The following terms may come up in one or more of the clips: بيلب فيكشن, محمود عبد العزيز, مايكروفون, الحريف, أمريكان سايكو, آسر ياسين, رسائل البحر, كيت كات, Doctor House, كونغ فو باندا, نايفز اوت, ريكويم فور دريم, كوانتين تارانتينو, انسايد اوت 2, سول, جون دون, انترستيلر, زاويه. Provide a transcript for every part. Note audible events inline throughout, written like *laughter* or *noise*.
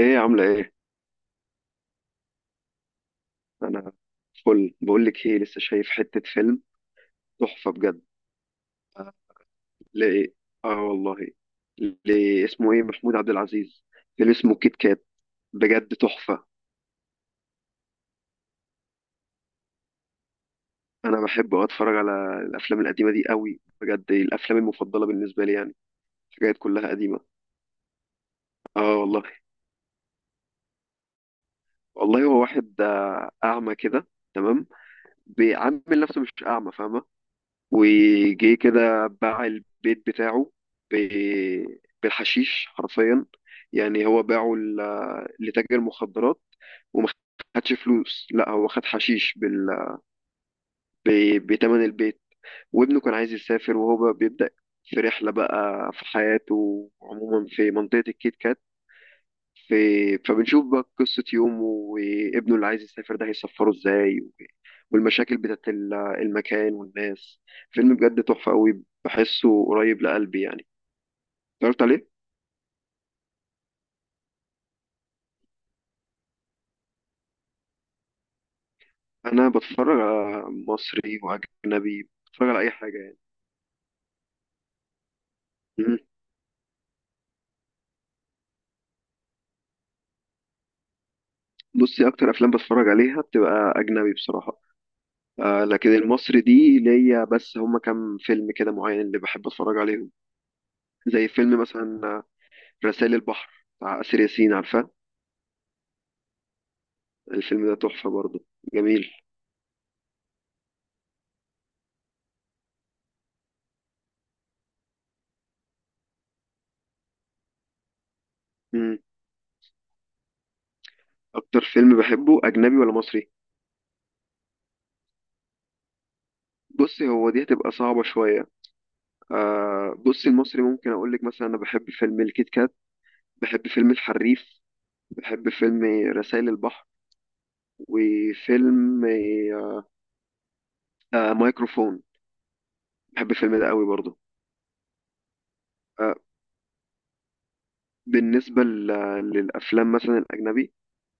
ايه عاملة ايه؟ انا فل. بقول لك ايه، لسه شايف حتة فيلم تحفة بجد. ليه؟ اه والله. ليه اسمه ايه؟ محمود عبد العزيز. فيلم اسمه كيت كات، بجد تحفة. انا بحب أوي اتفرج على الافلام القديمة دي قوي، بجد دي الافلام المفضلة بالنسبة لي يعني. حاجات كلها قديمة. اه والله. والله هو واحد اعمى كده، تمام. بيعمل نفسه مش اعمى، فاهمة. وجي كده باع البيت بتاعه ب- بالحشيش حرفيا، يعني هو باعه لتاجر مخدرات. وما خدش فلوس، لا هو خد حشيش بتمن البيت. وابنه كان عايز يسافر، وهو بقى بيبدأ في رحلة بقى في حياته عموما في منطقة الكيت كات. في... فبنشوف بقى قصة يومه وابنه اللي عايز يسافر ده هيسفره ازاي، والمشاكل بتاعت المكان والناس. فيلم بجد تحفة قوي، بحسه قريب لقلبي يعني. اتفرجت عليه. انا بتفرج على مصري واجنبي، بتفرج على اي حاجة يعني. مم. بصي، اكتر افلام بتفرج عليها بتبقى اجنبي بصراحة. آه لكن المصري دي ليا، بس هما كام فيلم كده معين اللي بحب اتفرج عليهم. زي فيلم مثلا رسائل البحر بتاع آسر ياسين، عارفاه. الفيلم ده تحفة برضه، جميل. مم. اكتر فيلم بحبه اجنبي ولا مصري؟ بصي، هو دي هتبقى صعبة شوية. آه بص، المصري ممكن اقول لك مثلا انا بحب فيلم الكيت كات، بحب فيلم الحريف، بحب فيلم رسائل البحر، وفيلم مايكروفون، بحب الفيلم ده قوي برضه. آه. بالنسبة للافلام مثلا الاجنبي،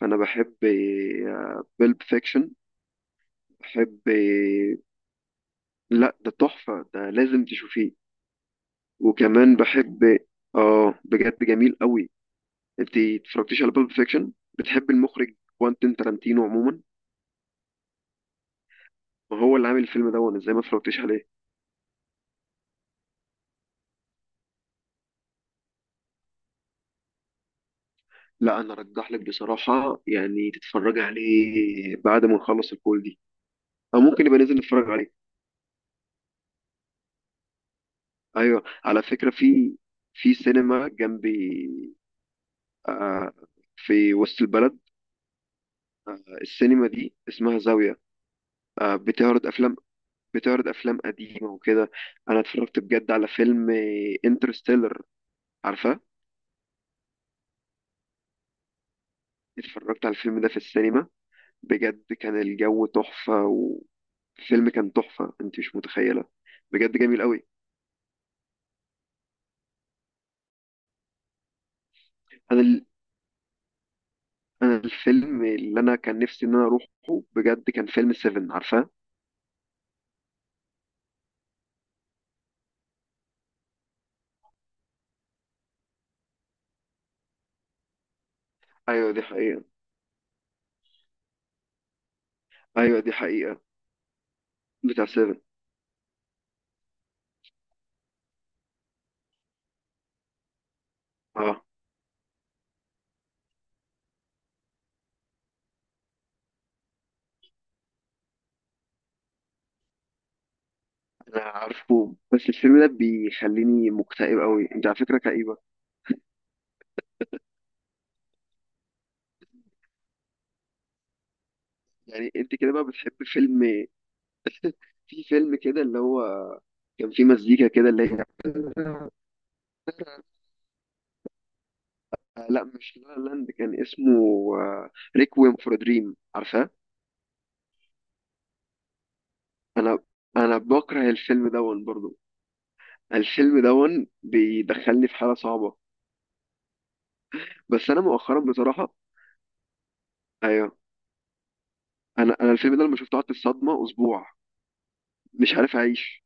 فانا بحب بيلب فيكشن، بحب. لا ده تحفة، ده لازم تشوفيه. وكمان بحب. اه بجد جميل قوي. انت اتفرجتيش على بيلب فيكشن؟ بتحب المخرج كوانتين تارانتينو عموما. ما هو اللي عامل الفيلم ده، وانا ازاي ما اتفرجتش عليه. لا انا ارجح لك بصراحه يعني تتفرج عليه بعد ما نخلص الكول دي، او ممكن يبقى ننزل نتفرج عليه. ايوه، على فكره في، في سينما جنبي. آه. في وسط البلد. آه السينما دي اسمها زاويه. آه، بتعرض افلام، بتعرض افلام قديمه وكده. انا اتفرجت بجد على فيلم انترستيلر، عارفه. اتفرجت على الفيلم ده في السينما، بجد كان الجو تحفة والفيلم كان تحفة، انت مش متخيلة. بجد جميل قوي. انا ال... انا الفيلم اللي انا كان نفسي ان انا اروحه، بجد كان فيلم 7، عارفاه. ايوه دي حقيقة. ايوه دي حقيقة، بتاع 7. اه انا عارفه، بس الفيلم ده بيخليني مكتئب قوي، انت على فكرة كئيبة يعني. انت كده بقى بتحب فيلم. في فيلم كده اللي هو كان فيه مزيكا كده اللي هي لا مش لا لاند، كان اسمه ريكويم فور دريم، عارفاه. انا انا بكره الفيلم دون برضو، الفيلم دون بيدخلني في حاله صعبه. بس انا مؤخرا بصراحه. ايوه. انا الفيلم ده لما شفته قعدت في صدمه اسبوع، مش عارف اعيش.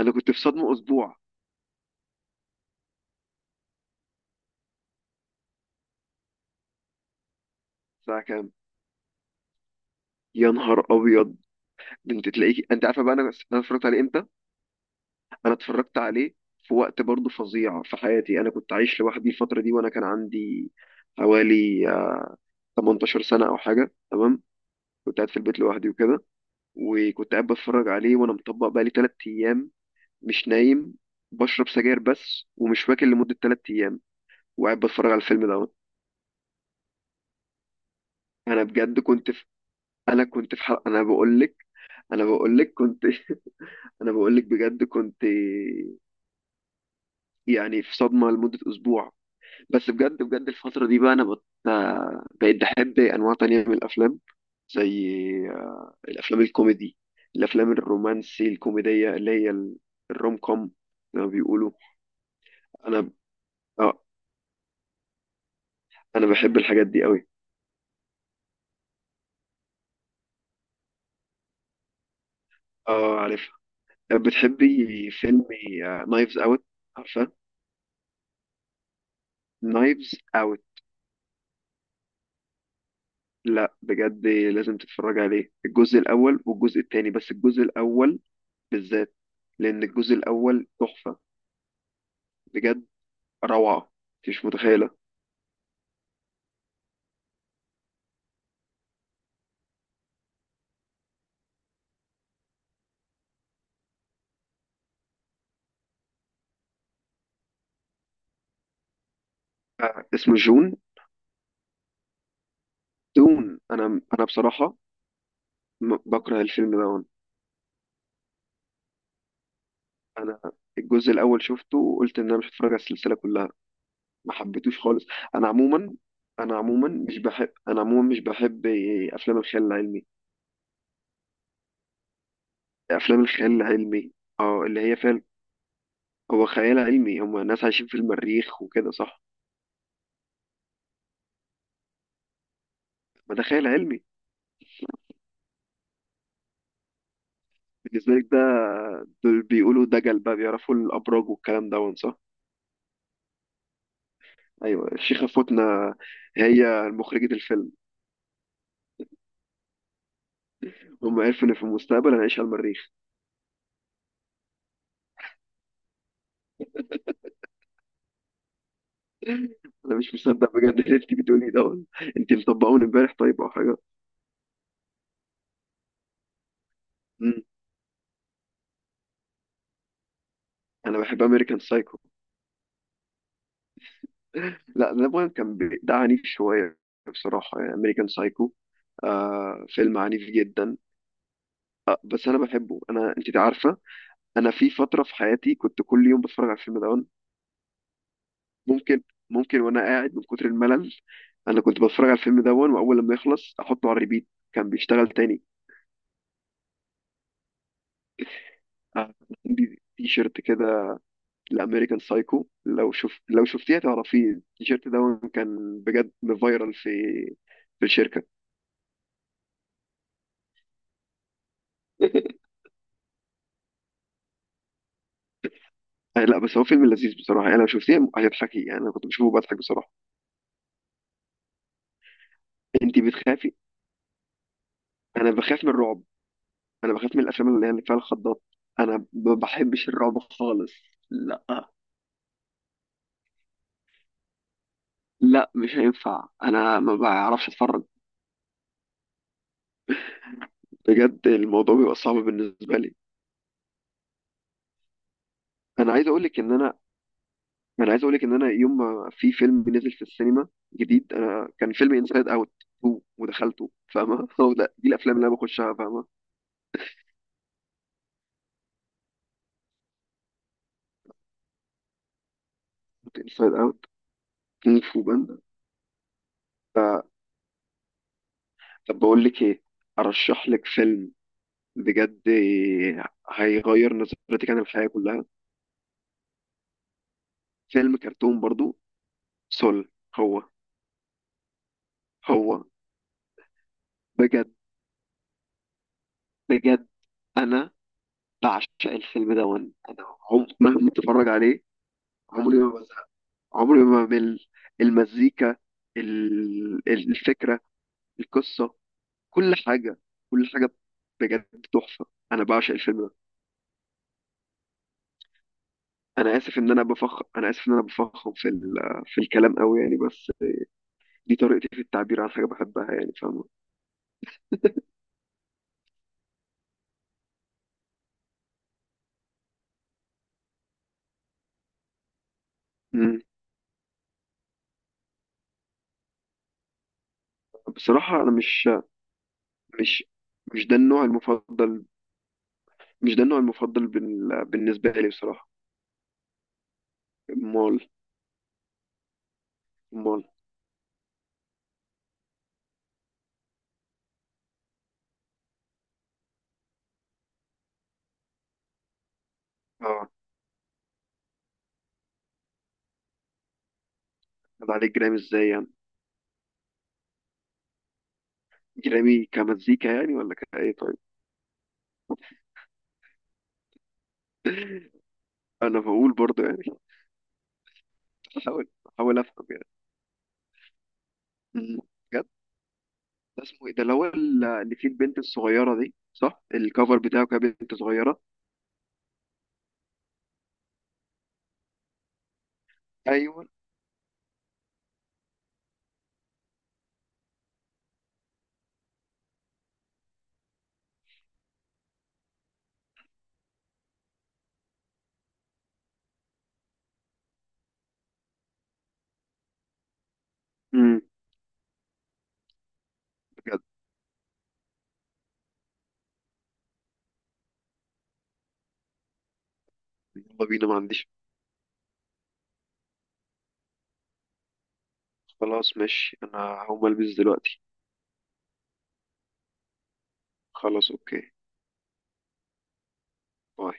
انا كنت في صدمه اسبوع. الساعه كام؟ يا نهار ابيض. ده انت تلاقيك، انت عارفه بقى انا. انا اتفرجت عليه امتى؟ انا اتفرجت عليه في وقت برضو فظيع في حياتي، انا كنت عايش لوحدي الفتره دي، وانا كان عندي حوالي 18 سنه او حاجه، تمام. كنت قاعد في البيت لوحدي وكده، وكنت قاعد بتفرج عليه وانا مطبق بقالي ثلاث ايام مش نايم، بشرب سجاير بس ومش واكل لمدة تلات أيام، وقاعد بتفرج على الفيلم دوت. أنا بجد كنت في. أنا كنت في حلقة، أنا بقول لك، أنا بقول لك كنت *laughs* أنا بقول لك بجد كنت يعني في صدمة لمدة أسبوع. بس بجد بجد الفترة دي بقى بقيت بحب أنواع تانية من الأفلام، زي الأفلام الكوميدي، الأفلام الرومانسي الكوميدية اللي هي الروم كوم، زي ما بيقولوا. أنا آه، أنا بحب الحاجات دي أوي. اه عارف. بتحبي فيلم نايفز اوت، عارفه. نايفز اوت. لا بجد لازم تتفرج عليه، الجزء الاول والجزء التاني، بس الجزء الاول بالذات، لان الجزء الاول تحفه، بجد روعه، انت مش متخيله. اسمه جون. دون. انا بصراحه بكره الفيلم ده. انا الجزء الاول شفته وقلت ان انا مش هتفرج على السلسله كلها، ما حبيتوش خالص. انا عموما، انا عموما مش بحب افلام الخيال العلمي. افلام الخيال العلمي. اه اللي هي فعلا هو خيال علمي، هم ناس عايشين في المريخ وكده صح. ما ده خيال علمي. بالنسبة لك ده. دول بيقولوا دجل بقى، بيعرفوا الأبراج والكلام ده صح. أيوة الشيخة فوتنا، هي مخرجة الفيلم، هم عرفوا إن في المستقبل هنعيش على المريخ. *laughs* أنا مش مصدق بجد اللي أنت بتقولي ده، أنت مطبقون إمبارح طيب أو حاجة. مم. أنا بحب أمريكان سايكو. *laughs* لا ده بقى كان ده عنيف شوية بصراحة يعني، أمريكان سايكو آه فيلم عنيف جدا. بس انا بحبه، انا انت عارفه، انا في فتره في حياتي كنت كل يوم بتفرج على الفيلم ده. ممكن ممكن وانا قاعد من كتر الملل، انا كنت بتفرج على الفيلم ده واول لما يخلص احطه على الريبيت كان بيشتغل تاني. آه، عندي تي شيرت كده لامريكان سايكو، لو شوف لو شفتيه تعرفيه، التي شيرت ده كان بجد فايرال في، في الشركه. *laughs* لا بس هو فيلم لذيذ بصراحه، انا لو شفتيه هتضحكي يعني، انا كنت بشوفه بضحك بصراحه. انت بتخافي. انا بخاف من الرعب، انا بخاف من الافلام اللي هي اللي فيها الخضات، انا ما بحبش الرعب خالص. لا لا مش هينفع، انا ما بعرفش اتفرج، بجد الموضوع بيبقى صعب بالنسبه لي. انا عايز اقول لك ان انا انا عايز اقول لك ان انا يوم ما في فيلم نزل في السينما جديد، انا كان فيلم انسايد اوت 2 ودخلته، فاهمه. *laughs* هو ده، دي الافلام اللي انا بخشها، فاهمه. انسايد اوت. كونغ فو باندا. طب بقول لك ايه، ارشح لك فيلم بجد هيغير نظرتك عن الحياه كلها. فيلم كرتون برضو، سول. هو. هو بجد بجد انا بعشق الفيلم ده، وانا عم مهما اتفرج عليه، عمري ما بزهق، عمري ما بمل، المزيكا، الفكره، القصه، كل حاجه كل حاجه، بجد تحفه، انا بعشق الفيلم ده. انا اسف ان انا بفخم في في الكلام قوي يعني، بس دي طريقتي في التعبير عن حاجه بحبها يعني فاهمه. مم. بصراحه انا مش، مش مش ده النوع المفضل، مش ده النوع المفضل بالنسبة لي بصراحة. امال. امال. اه. طب عليك جرامي ازاي يعني؟ جرامي كمزيكا يعني ولا كايه طيب؟ انا بقول برضه يعني *laughs* بحاول افهم يعني. أمم، بجد. ده اسمه ايه؟ ده اللي هو اللي فيه البنت الصغيرة دي صح، الكفر بتاعه كان بنت صغيرة. ايوه. امم. بجد. يلا بينا، ما عنديش. خلاص ماشي، انا هقوم البس دلوقتي. خلاص اوكي. باي.